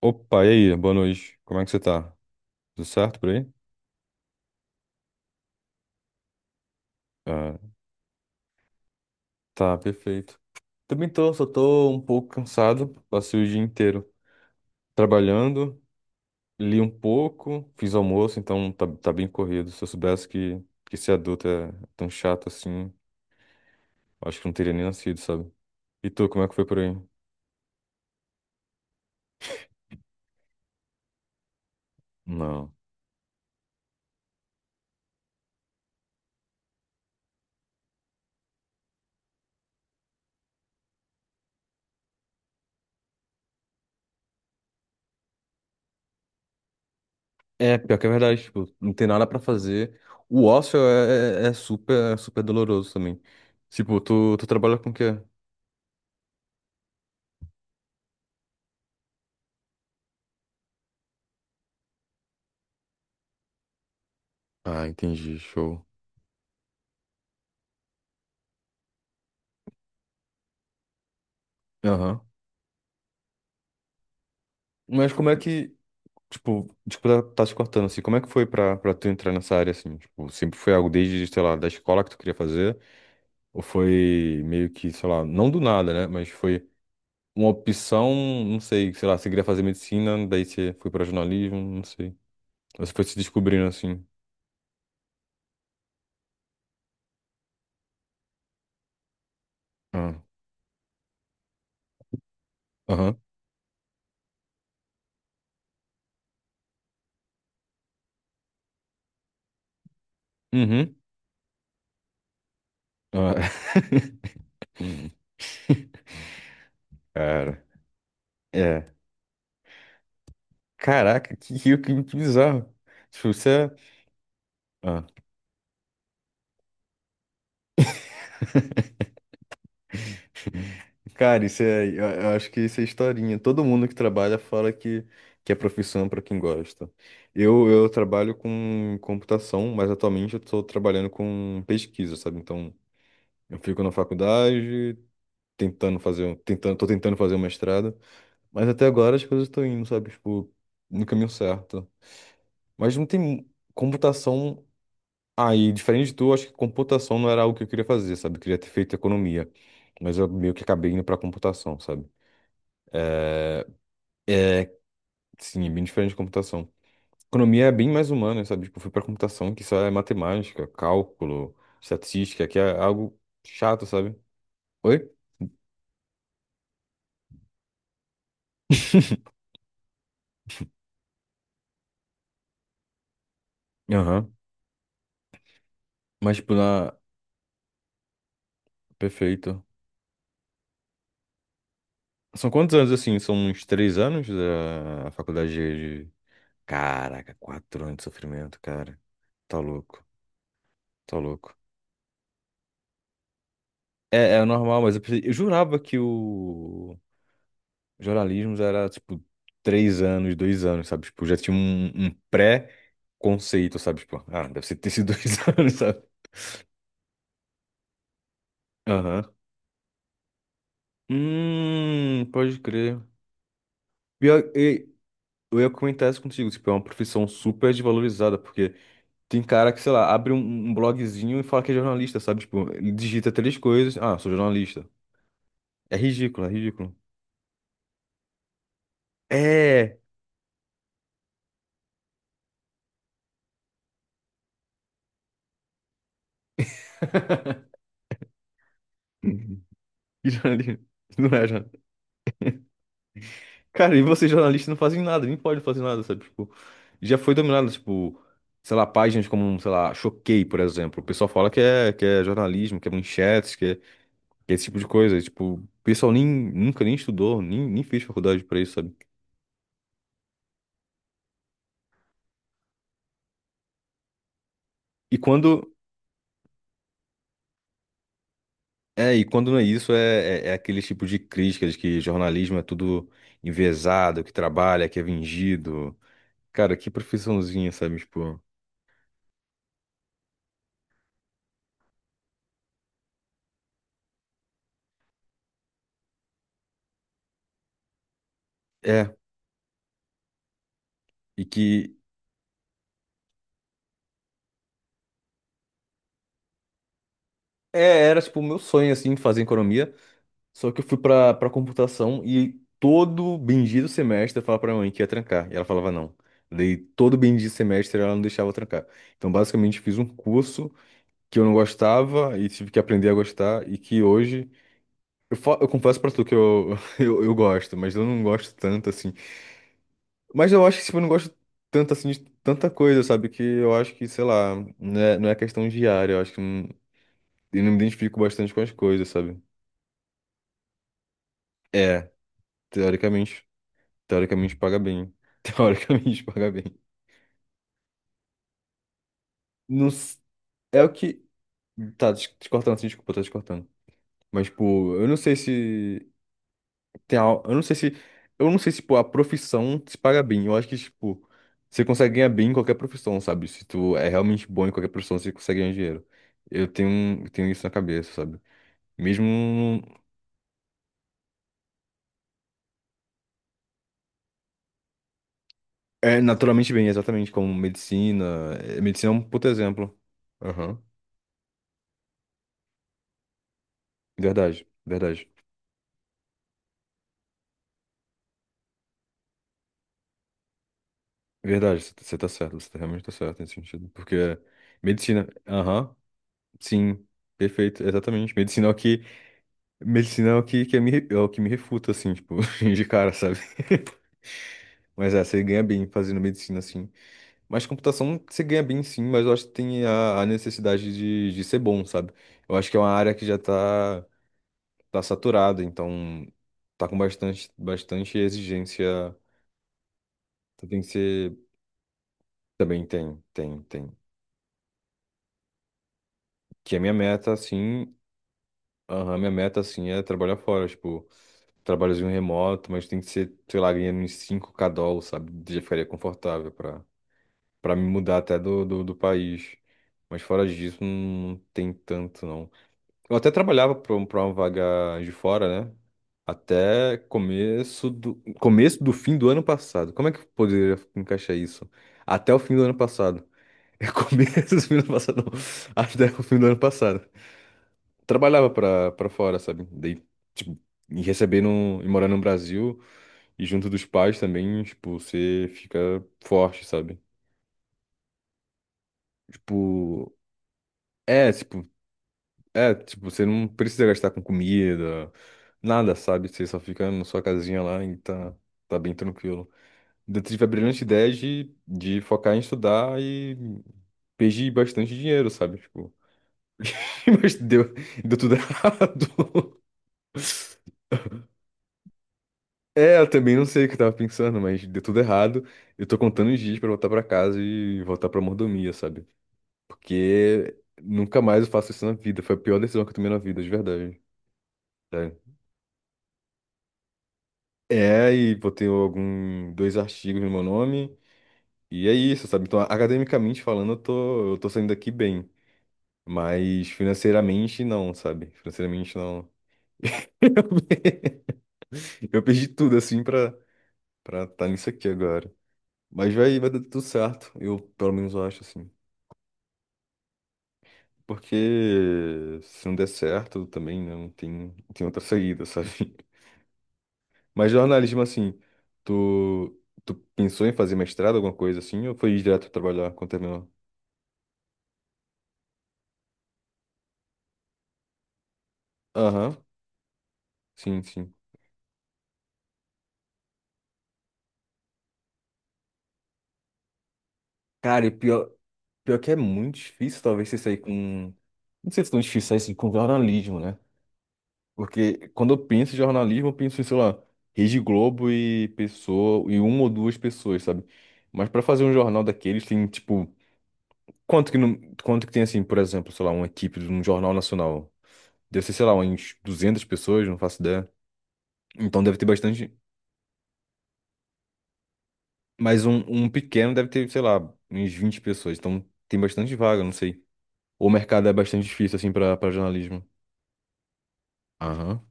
Opa, e aí? Boa noite. Como é que você tá? Tudo certo por aí? Ah, tá, perfeito. Também tô, só tô um pouco cansado. Passei o dia inteiro trabalhando, li um pouco, fiz almoço, então tá, tá bem corrido. Se eu soubesse que ser adulto é tão chato assim, acho que não teria nem nascido, sabe? E tu, como é que foi por aí? Não. É, pior que é verdade, tipo, não tem nada pra fazer. O ócio é super, é super doloroso também. Tipo, tu trabalha com o quê? Ah, entendi, show. Aham. Mas como é que, tipo, desculpa tá se cortando, assim, como é que foi pra tu entrar nessa área, assim? Tipo, sempre foi algo desde, sei lá, da escola que tu queria fazer? Ou foi meio que, sei lá, não do nada, né? Mas foi uma opção, não sei, sei lá, você queria fazer medicina, daí você foi pra jornalismo, não sei. Ou você foi se descobrindo, assim. Ah. Aham. Uhum. Ah, Cara, é. Caraca, que bizarro. Tipo, você é. Ah, cara, isso é, eu acho que isso é historinha. Todo mundo que trabalha fala que é profissão para quem gosta. Eu trabalho com computação, mas atualmente eu estou trabalhando com pesquisa, sabe? Então, eu fico na faculdade, tentando fazer, tô tentando fazer um mestrado, mas até agora as coisas estão indo, sabe? Tipo, no caminho certo. Mas não tem computação aí, diferente de tu, acho que computação não era algo que eu queria fazer, sabe? Eu queria ter feito economia, mas eu meio que acabei indo para computação, sabe? Sim, é bem diferente de computação. Economia é bem mais humana, sabe? Tipo, eu fui pra computação, que só é matemática, cálculo, estatística, que é algo chato, sabe? Oi? Aham. Mas, tipo, na. Perfeito. São quantos anos, assim? São uns 3 anos da faculdade de. De. Caraca, 4 anos de sofrimento, cara. Tá louco, tá louco. É, é normal, mas eu, pensei- eu jurava que o. Jornalismo já era, tipo, 3 anos, 2 anos, sabe? Tipo, já tinha um pré-conceito, sabe? Tipo, ah, deve ser ter sido 2 anos, sabe? Aham. Pode crer. Pior- e- eu ia comentar isso contigo, tipo, é uma profissão super desvalorizada, porque tem cara que, sei lá, abre um blogzinho e fala que é jornalista, sabe? Tipo, ele digita três coisas, ah, sou jornalista. É ridículo, é ridículo. É! Que jornalista. Não é. Cara, e vocês jornalistas não fazem nada, nem podem fazer nada, sabe? Tipo, já foi dominado, tipo, sei lá, páginas como, sei lá, Choquei, por exemplo. O pessoal fala que é jornalismo, que é manchetes, que é esse tipo de coisa. E, tipo, o pessoal nem, nunca nem estudou, nem fez faculdade pra isso, sabe? E quando, é, e quando não é isso, é aquele tipo de crítica de que jornalismo é tudo enviesado, que trabalha, que é vingido. Cara, que profissãozinha, sabe? Tipo, é, e que... É, era tipo o meu sonho assim fazer economia, só que eu fui pra computação e todo bendito semestre eu falava pra minha mãe que ia trancar. E ela falava não. Daí todo bendito semestre ela não deixava eu trancar. Então basicamente eu fiz um curso que eu não gostava e tive que aprender a gostar e que hoje. Eu, fa- eu confesso pra tu que eu, eu gosto, mas eu não gosto tanto assim. Mas eu acho que tipo, eu não gosto tanto assim de tanta coisa, sabe? Que eu acho que, sei lá, não é, não é questão diária. Eu acho que não- eu não me identifico bastante com as coisas, sabe? É, teoricamente. Teoricamente paga bem. Teoricamente paga bem. Não, s- é o que. Tá, des- te cortando assim, desculpa, tá te cortando. Mas, tipo, eu não sei se. Tem al- eu não sei se. Eu não sei se, pô, a profissão se paga bem. Eu acho que, tipo, você consegue ganhar bem em qualquer profissão, sabe? Se tu é realmente bom em qualquer profissão, você consegue ganhar dinheiro. Eu tenho isso na cabeça, sabe? Mesmo. É, naturalmente bem, exatamente, como medicina. É, medicina é um puto exemplo. Aham. Verdade, verdade. Verdade, você tá certo, você tá- realmente tá certo nesse sentido. Porque medicina, aham, sim, perfeito, exatamente. Medicina é o que, medicina é o que, que me, é o que me refuta, assim, tipo, de cara, sabe? Mas é, você ganha bem fazendo medicina, assim. Mas computação você ganha bem, sim, mas eu acho que tem a necessidade de ser bom, sabe? Eu acho que é uma área que já tá, tá saturada, então tá com bastante, bastante exigência. Então tem que ser. Também tem. Que a minha meta, assim. Aham, minha meta, assim, é trabalhar fora, tipo, trabalhozinho remoto, mas tem que ser, sei lá, ganhando uns 5k dólares, sabe? Já ficaria confortável pra, pra me mudar até do, do, do país. Mas fora disso, não tem tanto, não. Eu até trabalhava pra, um- pra uma vaga de fora, né? Até começo do fim do ano passado. Como é que eu poderia encaixar isso? Até o fim do ano passado. É começo do fim do ano passado, não. Até o fim do ano passado trabalhava pra, pra fora, sabe? Daí, tipo, e recebendo e morando no Brasil e junto dos pais também, tipo, você fica forte, sabe? Tipo, é, tipo, é, tipo, você não precisa gastar com comida, nada, sabe? Você só fica na sua casinha lá e tá, tá bem tranquilo. Então, eu tive a brilhante ideia de focar em estudar e perdi bastante dinheiro, sabe? Tipo, mas deu, deu tudo errado. É, eu também não sei o que eu tava pensando, mas deu tudo errado. Eu tô contando os dias pra voltar pra casa e voltar pra mordomia, sabe? Porque nunca mais eu faço isso na vida. Foi a pior decisão que eu tomei na vida, de verdade. Sério. É, e botei algum, dois artigos no meu nome. E é isso, sabe? Então, academicamente falando, eu tô saindo daqui bem. Mas financeiramente, não, sabe? Financeiramente, não. Eu perdi tudo, assim, pra pra estar tá nisso aqui agora. Mas vai, vai dar tudo certo. Eu, pelo menos, eu acho, assim. Porque se não der certo também, né, não tem, não tem outra saída, sabe? Mas jornalismo, assim, tu pensou em fazer mestrado, alguma coisa assim, ou foi direto trabalhar quando terminou? Aham, sim, sim. Cara, e pior, pior que é muito difícil, talvez, você sair com. Não sei se é tão difícil sair assim, com jornalismo, né? Porque quando eu penso em jornalismo, eu penso em, sei lá, Rede Globo e pessoa, e uma ou duas pessoas, sabe? Mas pra fazer um jornal daqueles, tem, tipo. Quanto que, não, quanto que tem, assim, por exemplo, sei lá, uma equipe de um jornal nacional? Deve ser, sei lá, uns 200 pessoas, não faço ideia. Então deve ter bastante. Mas um pequeno deve ter, sei lá, uns 20 pessoas. Então tem bastante vaga, não sei. O mercado é bastante difícil, assim, pra, pra jornalismo. Aham.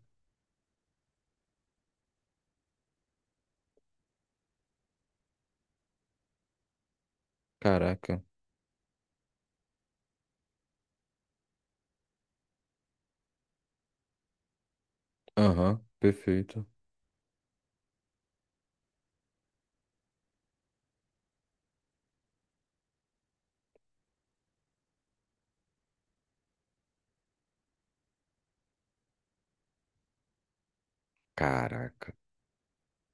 Caraca. Aham. Perfeito. Caraca.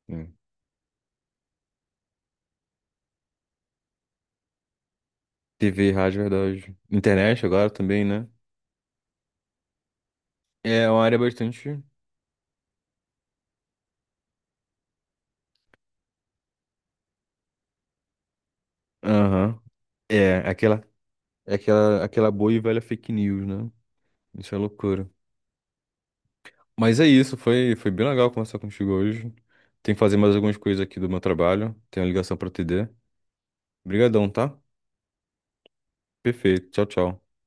Hum. TV, rádio, verdade. Internet agora também, né? É uma área bastante. Aham. É, aquela, é aquela, aquela boa e velha fake news, né? Isso é loucura. Mas é isso, foi, foi bem legal conversar contigo hoje. Tem que fazer mais algumas coisas aqui do meu trabalho. Tem uma ligação para TD. Obrigadão, tá? Perfeito. Tchau, tchau.